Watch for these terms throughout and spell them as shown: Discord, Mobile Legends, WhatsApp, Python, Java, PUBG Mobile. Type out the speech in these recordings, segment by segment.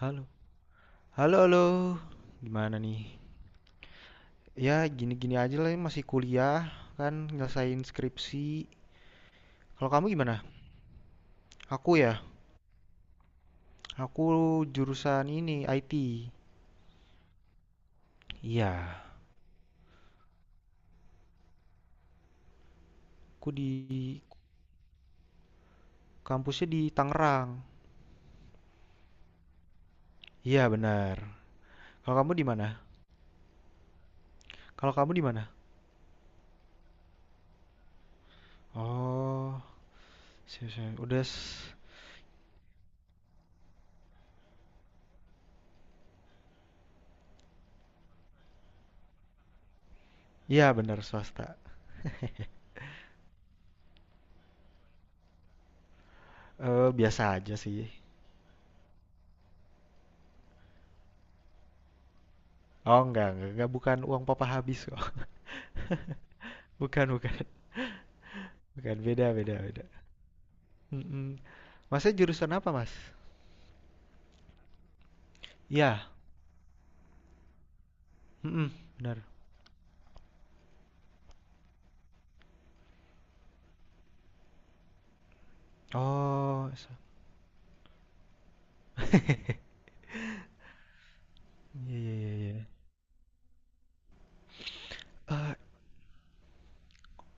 Halo, halo halo. Gimana nih? Ya gini-gini aja lah masih kuliah kan nyelesain skripsi. Kalau kamu gimana? Aku ya, aku jurusan ini IT. Iya, aku di kampusnya di Tangerang. Iya benar. Kalau kamu di mana? Kalau kamu di mana? Oh, siap, siap. Udah. Iya benar swasta. Eh, biasa aja sih. Oh, enggak, bukan uang papa habis kok. Bukan, bukan. Bukan, beda, beda, beda. Mm-mm. Masnya jurusan apa, Mas? Ya, mhm, bener. Oh, iya, iya, iya, iya. Eee,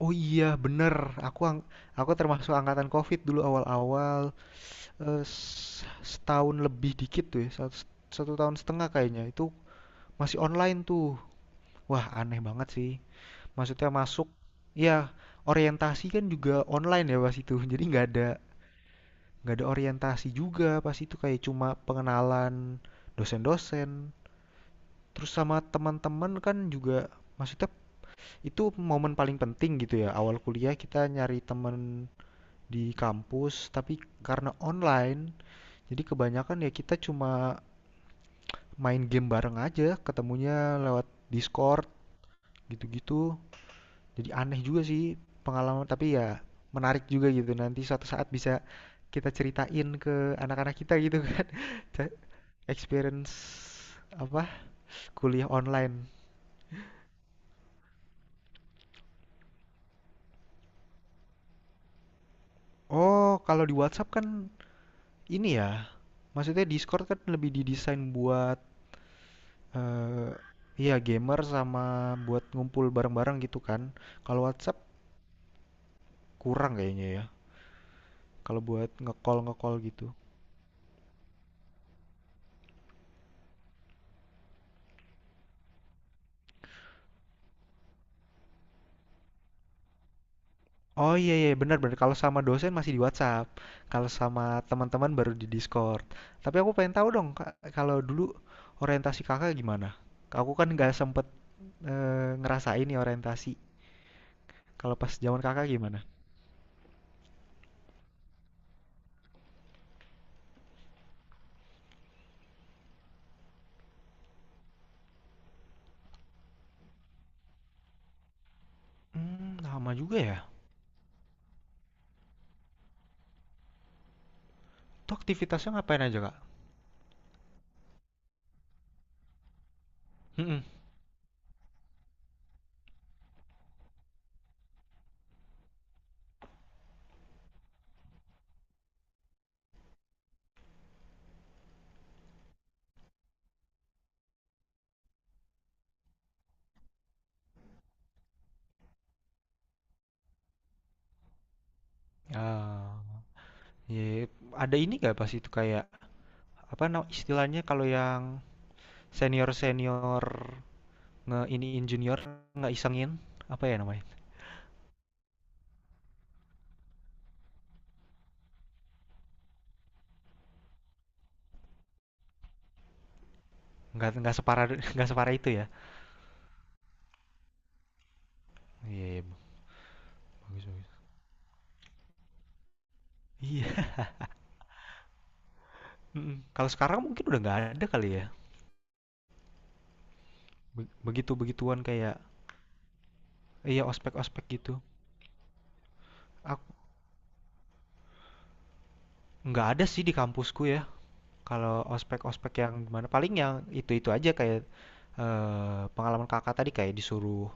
oh, iya bener, aku ang aku termasuk angkatan COVID dulu awal-awal, setahun lebih dikit tuh ya, satu satu tahun setengah kayaknya, itu masih online tuh. Wah, aneh banget sih, maksudnya masuk ya orientasi kan juga online ya pas itu, jadi nggak ada orientasi juga pas itu, kayak cuma pengenalan dosen-dosen. Terus sama teman-teman kan juga maksudnya itu momen paling penting gitu ya. Awal kuliah kita nyari teman di kampus, tapi karena online, jadi kebanyakan ya kita cuma main game bareng aja, ketemunya lewat Discord gitu-gitu. Jadi aneh juga sih pengalaman, tapi ya menarik juga gitu. Nanti suatu saat bisa kita ceritain ke anak-anak kita gitu kan. Experience apa? Kuliah online. Oh, kalau di WhatsApp kan ini ya, maksudnya Discord kan lebih didesain buat eh iya gamer sama buat ngumpul bareng-bareng gitu kan. Kalau WhatsApp kurang kayaknya ya. Kalau buat nge-call nge-call gitu. Oh, iya, iya, benar, benar, kalau sama dosen masih di WhatsApp, kalau sama teman-teman baru di Discord. Tapi aku pengen tahu dong Kak, kalau dulu orientasi Kakak gimana? Aku kan nggak sempet ngerasain nih orientasi. Kalau pas zaman Kakak gimana? Hmm, lama juga ya. Itu aktivitasnya ngapain aja, Kak? Ah, ya. Ada ini gak pas itu kayak apa nama istilahnya, kalau yang senior senior ngeiniin junior nggak isengin apa ya namanya? Nggak separah nggak separah itu ya? Iya, iya, bagus, bagus. Iya. Mm-mm. Kalau sekarang mungkin udah nggak ada kali ya. Begitu begituan kayak iya ospek ospek gitu. Aku nggak ada sih di kampusku ya. Kalau ospek-ospek yang gimana? Paling yang itu-itu aja kayak pengalaman kakak tadi kayak disuruh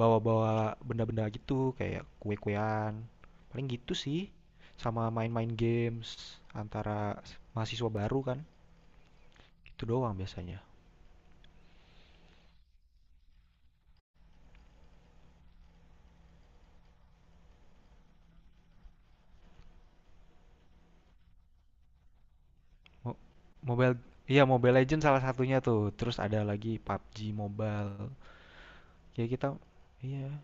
bawa-bawa benda-benda gitu kayak kue-kuean. Paling gitu sih. Sama main-main games antara mahasiswa baru kan. Itu doang biasanya. Mo- Mobile. Iya, Mobile Legends salah satunya tuh. Terus ada lagi PUBG Mobile. Ya kita iya,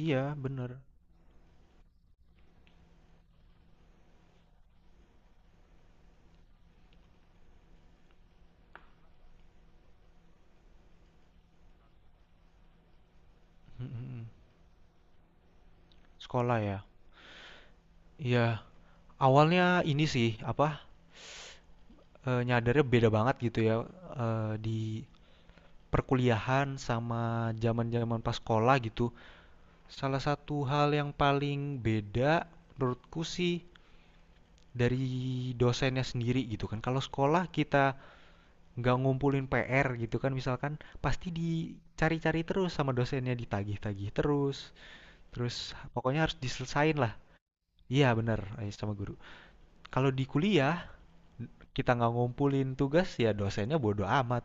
iya bener. Mm, mm, mm. Sekolah ya. Iya, awalnya ini sih apa, nyadarnya beda banget gitu ya, di perkuliahan sama zaman-zaman pas sekolah gitu. Salah satu hal yang paling beda menurutku sih dari dosennya sendiri gitu kan. Kalau sekolah kita nggak ngumpulin PR gitu kan misalkan, pasti dicari-cari terus sama dosennya, ditagih-tagih terus, terus pokoknya harus diselesain lah. Iya bener, sama guru. Kalau di kuliah, kita nggak ngumpulin tugas ya dosennya bodo amat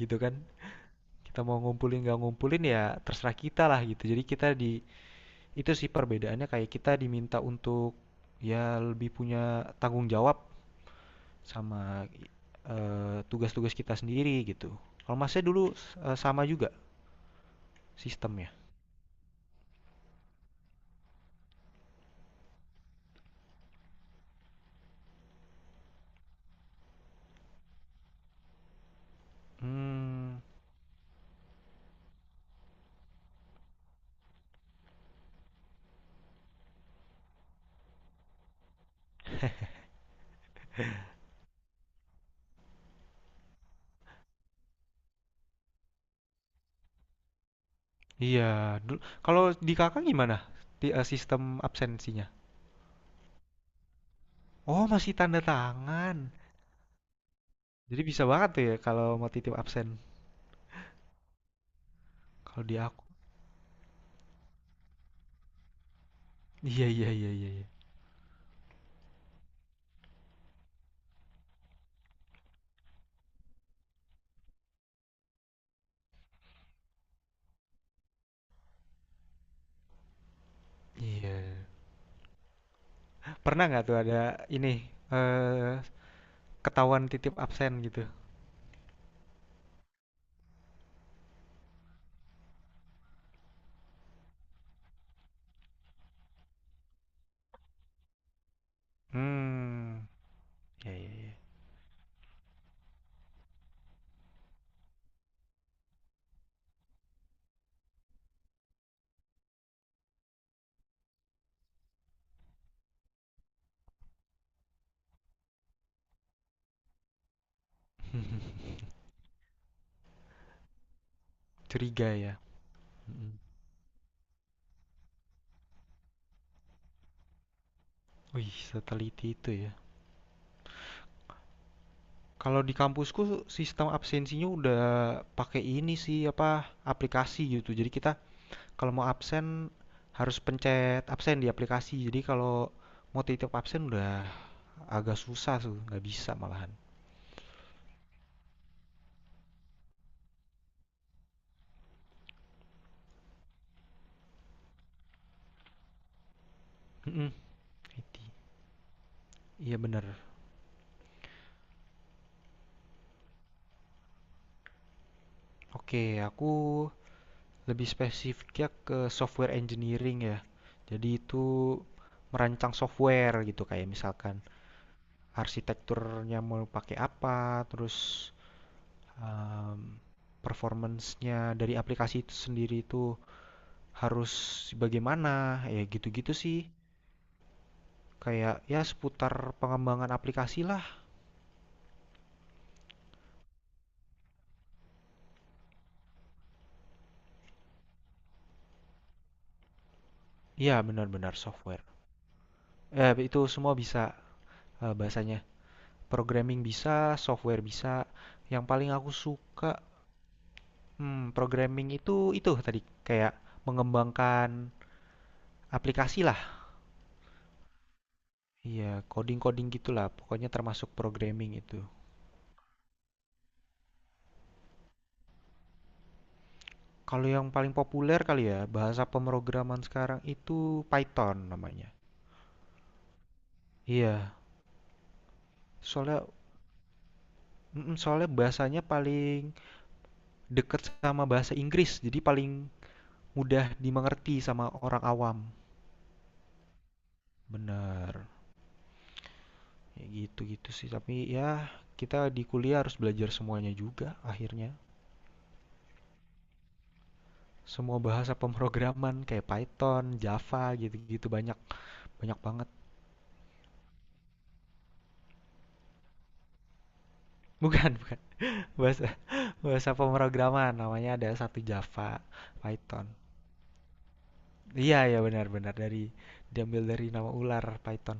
gitu kan. Kita mau ngumpulin nggak ngumpulin ya terserah kita lah gitu, jadi kita itu sih perbedaannya kayak kita diminta untuk ya lebih punya tanggung jawab sama tugas-tugas kita sendiri gitu. Kalau masnya dulu sama juga sistemnya? Hmm. Iya dulu, kalau di kakak gimana, sistem absensinya? Oh, masih tanda tangan, jadi bisa banget tuh ya kalau mau titip absen. Kalau di aku iya, iya, iya, iya, iya. Iya. Pernah nggak tuh ada ini, eee, ketahuan titip absen gitu? Hmm, ya, ya, ya. Curiga ya? Mhm. Wih, seteliti itu ya. Kalau di kampusku sistem absensinya udah pakai ini sih, apa, aplikasi gitu. Jadi kita kalau mau absen harus pencet absen di aplikasi. Jadi kalau mau titip absen udah agak susah tuh, nggak bisa malahan. Mhm, IT. Iya bener. Oke, lebih spesifiknya ke software engineering ya. Jadi itu merancang software gitu kayak misalkan arsitekturnya mau pakai apa, terus em, performance-nya dari aplikasi itu sendiri itu harus bagaimana, ya gitu-gitu sih. Kayak ya seputar pengembangan aplikasi lah. Ya benar-benar software. Eh, itu semua bisa bahasanya. Programming bisa, software bisa. Yang paling aku suka. Hmm, programming itu tadi kayak mengembangkan aplikasi lah. Iya, coding-coding gitulah. Pokoknya termasuk programming itu. Kalau yang paling populer kali ya, bahasa pemrograman sekarang itu Python namanya. Iya, soalnya soalnya bahasanya paling deket sama bahasa Inggris, jadi paling mudah dimengerti sama orang awam. Bener, ya gitu-gitu sih. Tapi ya kita di kuliah harus belajar semuanya juga akhirnya. Semua bahasa pemrograman kayak Python, Java gitu-gitu banyak, banyak banget. Bukan, bukan. Bahasa bahasa pemrograman namanya ada satu Java, Python. Iya, ya benar-benar diambil dari nama ular Python.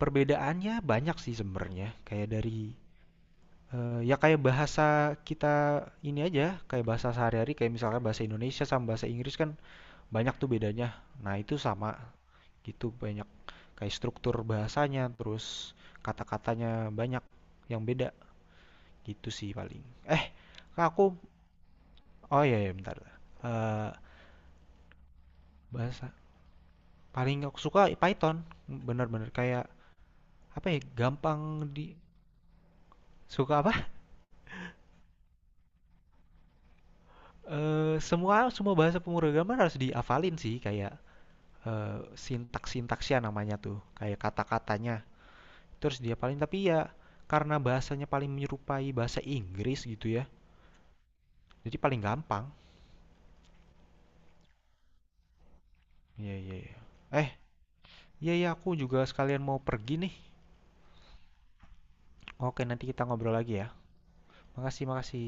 Perbedaannya banyak sih sebenarnya. Kayak ya kayak bahasa kita ini aja, kayak bahasa sehari-hari kayak misalkan bahasa Indonesia sama bahasa Inggris kan banyak tuh bedanya. Nah, itu sama gitu banyak kayak struktur bahasanya terus kata-katanya banyak yang beda gitu sih paling. eh Kak, oh iya ya bentar. Eh, bahasa paling aku suka Python, bener-bener kayak apa ya gampang di suka apa. Semua semua bahasa pemrograman harus dihafalin sih kayak eh, sintaks-sintaksnya namanya tuh kayak kata-katanya terus dia paling, tapi ya karena bahasanya paling menyerupai bahasa Inggris gitu ya jadi paling gampang. Iya, iya, iya. Eh, iya, iya, aku juga sekalian mau pergi nih. Oke, nanti kita ngobrol lagi ya. Makasih, makasih.